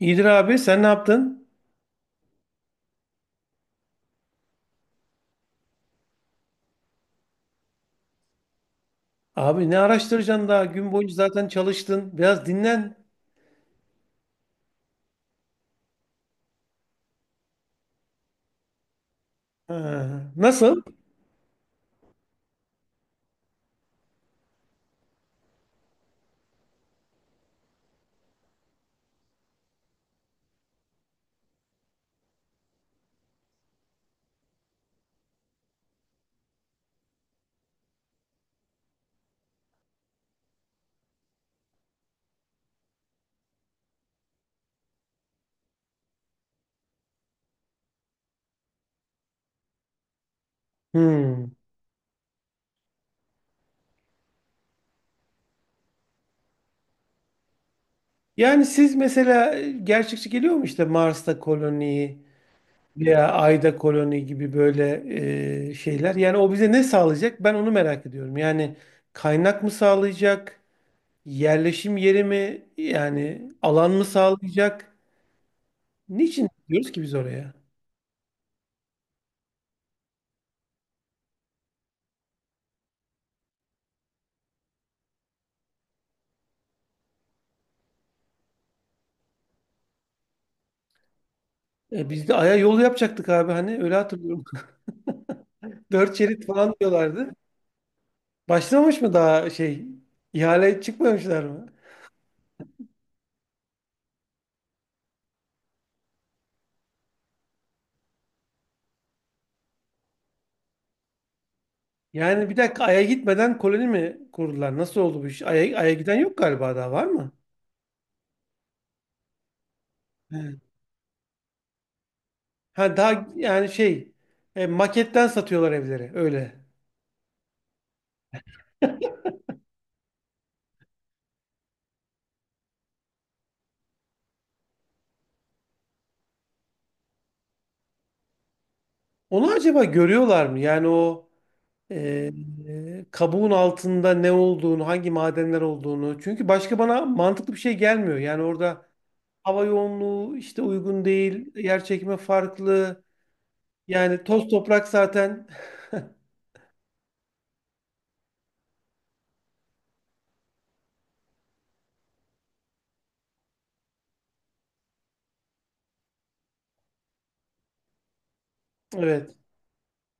İyidir abi sen ne yaptın? Abi ne araştıracaksın, daha gün boyunca zaten çalıştın. Biraz dinlen. Ha, nasıl? Hmm. Yani siz mesela gerçekçi geliyor mu işte Mars'ta koloni veya Ay'da koloni gibi böyle şeyler? Yani o bize ne sağlayacak? Ben onu merak ediyorum. Yani kaynak mı sağlayacak? Yerleşim yeri mi? Yani alan mı sağlayacak? Niçin gidiyoruz ki biz oraya? E, biz de Ay'a yol yapacaktık abi, hani öyle hatırlıyorum. Dört şerit falan diyorlardı. Başlamış mı daha şey, ihale çıkmamışlar mı? Yani bir dakika, Ay'a gitmeden koloni mi kurdular? Nasıl oldu bu iş? Ay'a giden yok galiba, daha var mı? He. Ha, daha yani şey, maketten satıyorlar evleri öyle. Onu acaba görüyorlar mı? Yani o e, kabuğun altında ne olduğunu, hangi madenler olduğunu. Çünkü başka bana mantıklı bir şey gelmiyor. Yani orada hava yoğunluğu işte uygun değil, yer çekimi farklı. Yani toz toprak zaten evet.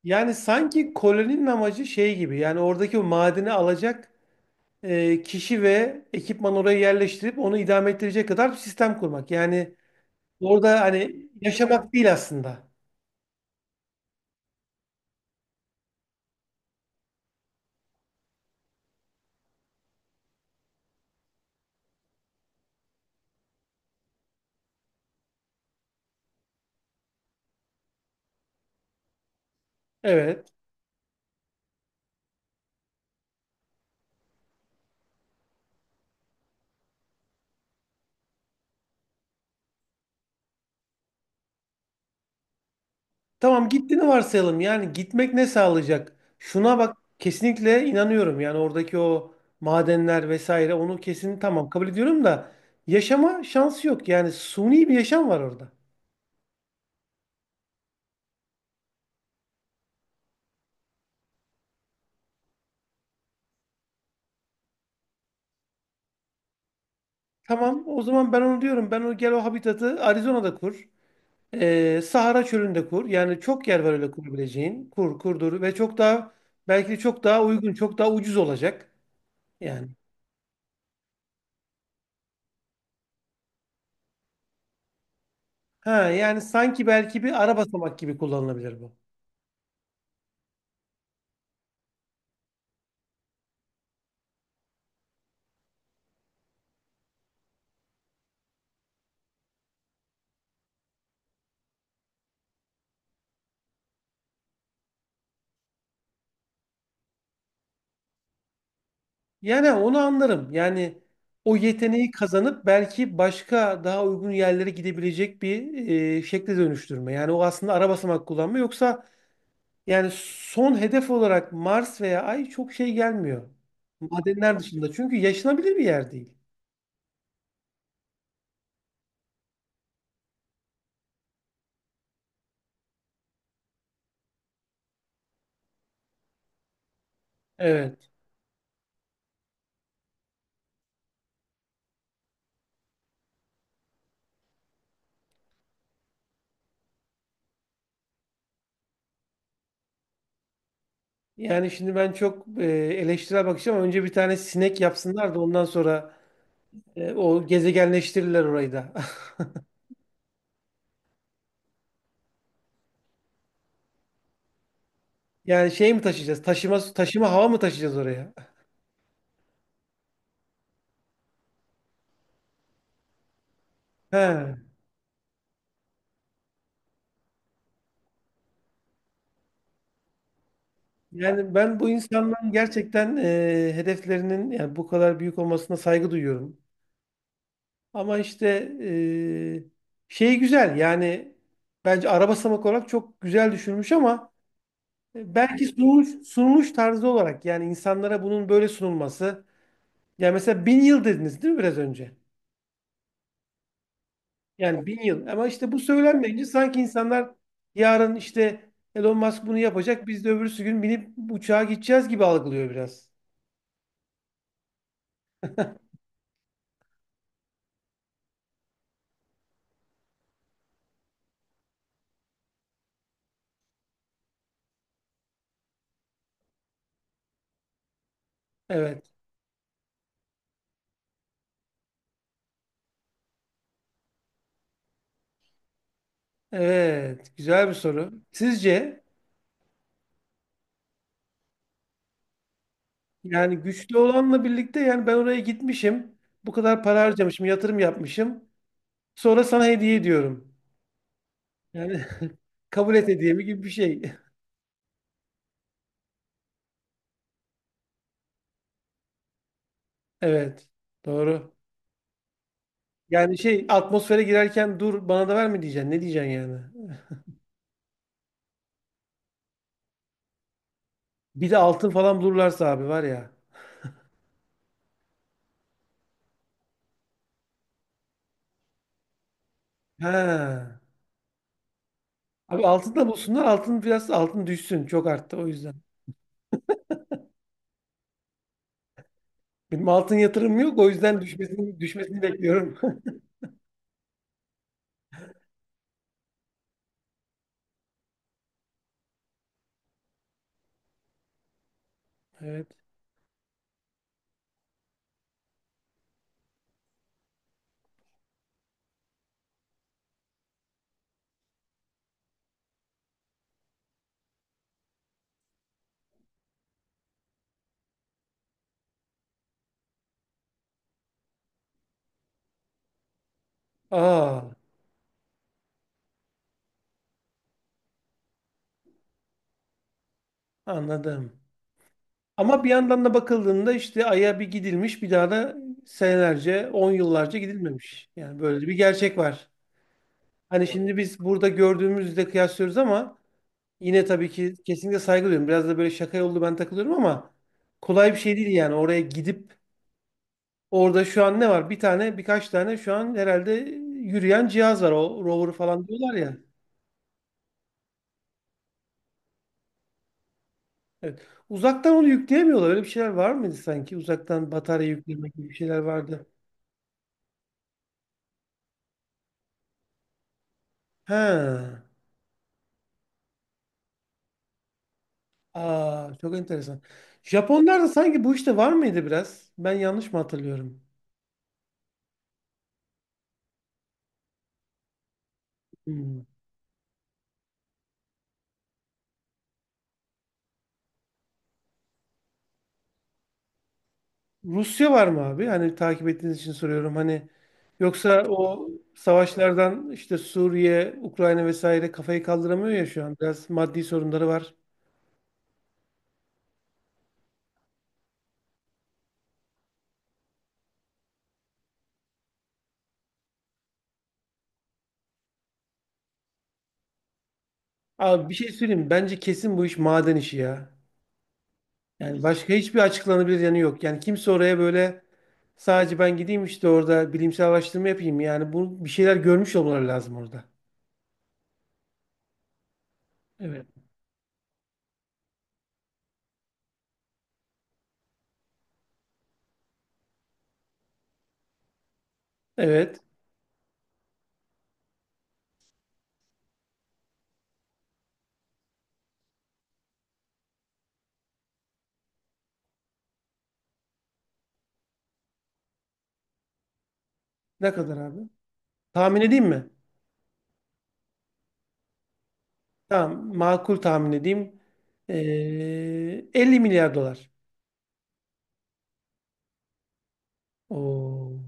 Yani sanki koloninin amacı şey gibi, yani oradaki o madeni alacak kişi ve ekipman oraya yerleştirip onu idame ettirecek kadar bir sistem kurmak. Yani orada hani yaşamak değil aslında. Evet. Tamam, gittiğini varsayalım. Yani gitmek ne sağlayacak? Şuna bak, kesinlikle inanıyorum. Yani oradaki o madenler vesaire, onu kesin tamam kabul ediyorum da yaşama şansı yok. Yani suni bir yaşam var orada. Tamam, o zaman ben onu diyorum. Ben, o gel o habitatı Arizona'da kur. Sahara Çölü'nde kur. Yani çok yer var öyle kurabileceğin. Kur, kurdur ve çok daha, belki de çok daha uygun, çok daha ucuz olacak. Yani. Ha, yani sanki belki bir ara basamak gibi kullanılabilir bu. Yani onu anlarım. Yani o yeteneği kazanıp belki başka daha uygun yerlere gidebilecek bir şekle dönüştürme. Yani o aslında ara basamak kullanma. Yoksa yani son hedef olarak Mars veya Ay çok şey gelmiyor. Madenler dışında. Çünkü yaşanabilir bir yer değil. Evet. Yani şimdi ben çok eleştirel bakacağım. Önce bir tane sinek yapsınlar da ondan sonra o gezegenleştirirler orayı da. Yani şey mi taşıyacağız? Taşıma hava mı taşıyacağız oraya? He. Yani ben bu insanların gerçekten hedeflerinin, yani bu kadar büyük olmasına saygı duyuyorum. Ama işte şey güzel yani, bence araba samak olarak çok güzel düşünmüş ama belki sunuluş tarzı olarak, yani insanlara bunun böyle sunulması. Yani mesela 1.000 yıl dediniz değil mi biraz önce? Yani 1.000 yıl, ama işte bu söylenmeyince sanki insanlar yarın işte Elon Musk bunu yapacak, biz de öbürsü gün binip uçağa gideceğiz gibi algılıyor biraz. Evet. Evet. Güzel bir soru. Sizce? Yani güçlü olanla birlikte, yani ben oraya gitmişim. Bu kadar para harcamışım, yatırım yapmışım. Sonra sana hediye ediyorum. Yani kabul et hediyemi gibi bir şey. Evet. Doğru. Yani şey, atmosfere girerken dur bana da verme diyeceksin. Ne diyeceksin yani? Bir de altın falan bulurlarsa abi, var ya. Ha. Abi altın da bulsunlar. Altın biraz altın düşsün. Çok arttı o yüzden. Benim altın yatırımım yok. O yüzden düşmesini bekliyorum. Evet. Aa, anladım. Ama bir yandan da bakıldığında işte Ay'a bir gidilmiş, bir daha da senelerce, on yıllarca gidilmemiş. Yani böyle bir gerçek var. Hani şimdi biz burada gördüğümüzle kıyaslıyoruz ama yine tabii ki kesinlikle saygı duyuyorum. Biraz da böyle şaka yollu ben takılıyorum ama kolay bir şey değil yani, oraya gidip orada şu an ne var? Bir tane, birkaç tane şu an herhalde yürüyen cihaz var. O rover falan diyorlar ya. Evet. Uzaktan onu yükleyemiyorlar. Öyle bir şeyler var mıydı sanki? Uzaktan batarya yükleme gibi bir şeyler vardı. He. Aa, çok enteresan. Japonlarda sanki bu işte var mıydı biraz? Ben yanlış mı hatırlıyorum? Hmm. Rusya var mı abi? Hani takip ettiğiniz için soruyorum. Hani yoksa o savaşlardan işte, Suriye, Ukrayna vesaire kafayı kaldıramıyor ya şu an. Biraz maddi sorunları var. Abi bir şey söyleyeyim mi? Bence kesin bu iş maden işi ya. Yani başka hiçbir açıklanabilir yanı yok. Yani kimse oraya böyle sadece ben gideyim işte, orada bilimsel araştırma yapayım. Yani bu, bir şeyler görmüş olmaları lazım orada. Evet. Evet. Ne kadar abi? Tahmin edeyim mi? Tamam, makul tahmin edeyim. 50 milyar dolar. Oo.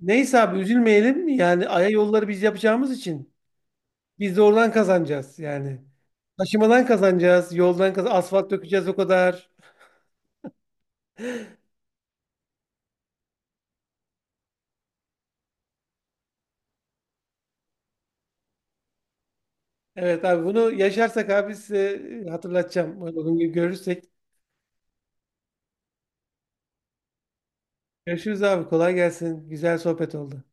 Neyse abi üzülmeyelim. Yani Ay'a yolları biz yapacağımız için biz de oradan kazanacağız yani. Taşımadan kazanacağız, yoldan kaz, asfalt dökeceğiz, o kadar. Evet abi, bunu yaşarsak abi size hatırlatacağım. Uygun gibi görürsek. Görüşürüz abi, kolay gelsin. Güzel sohbet oldu.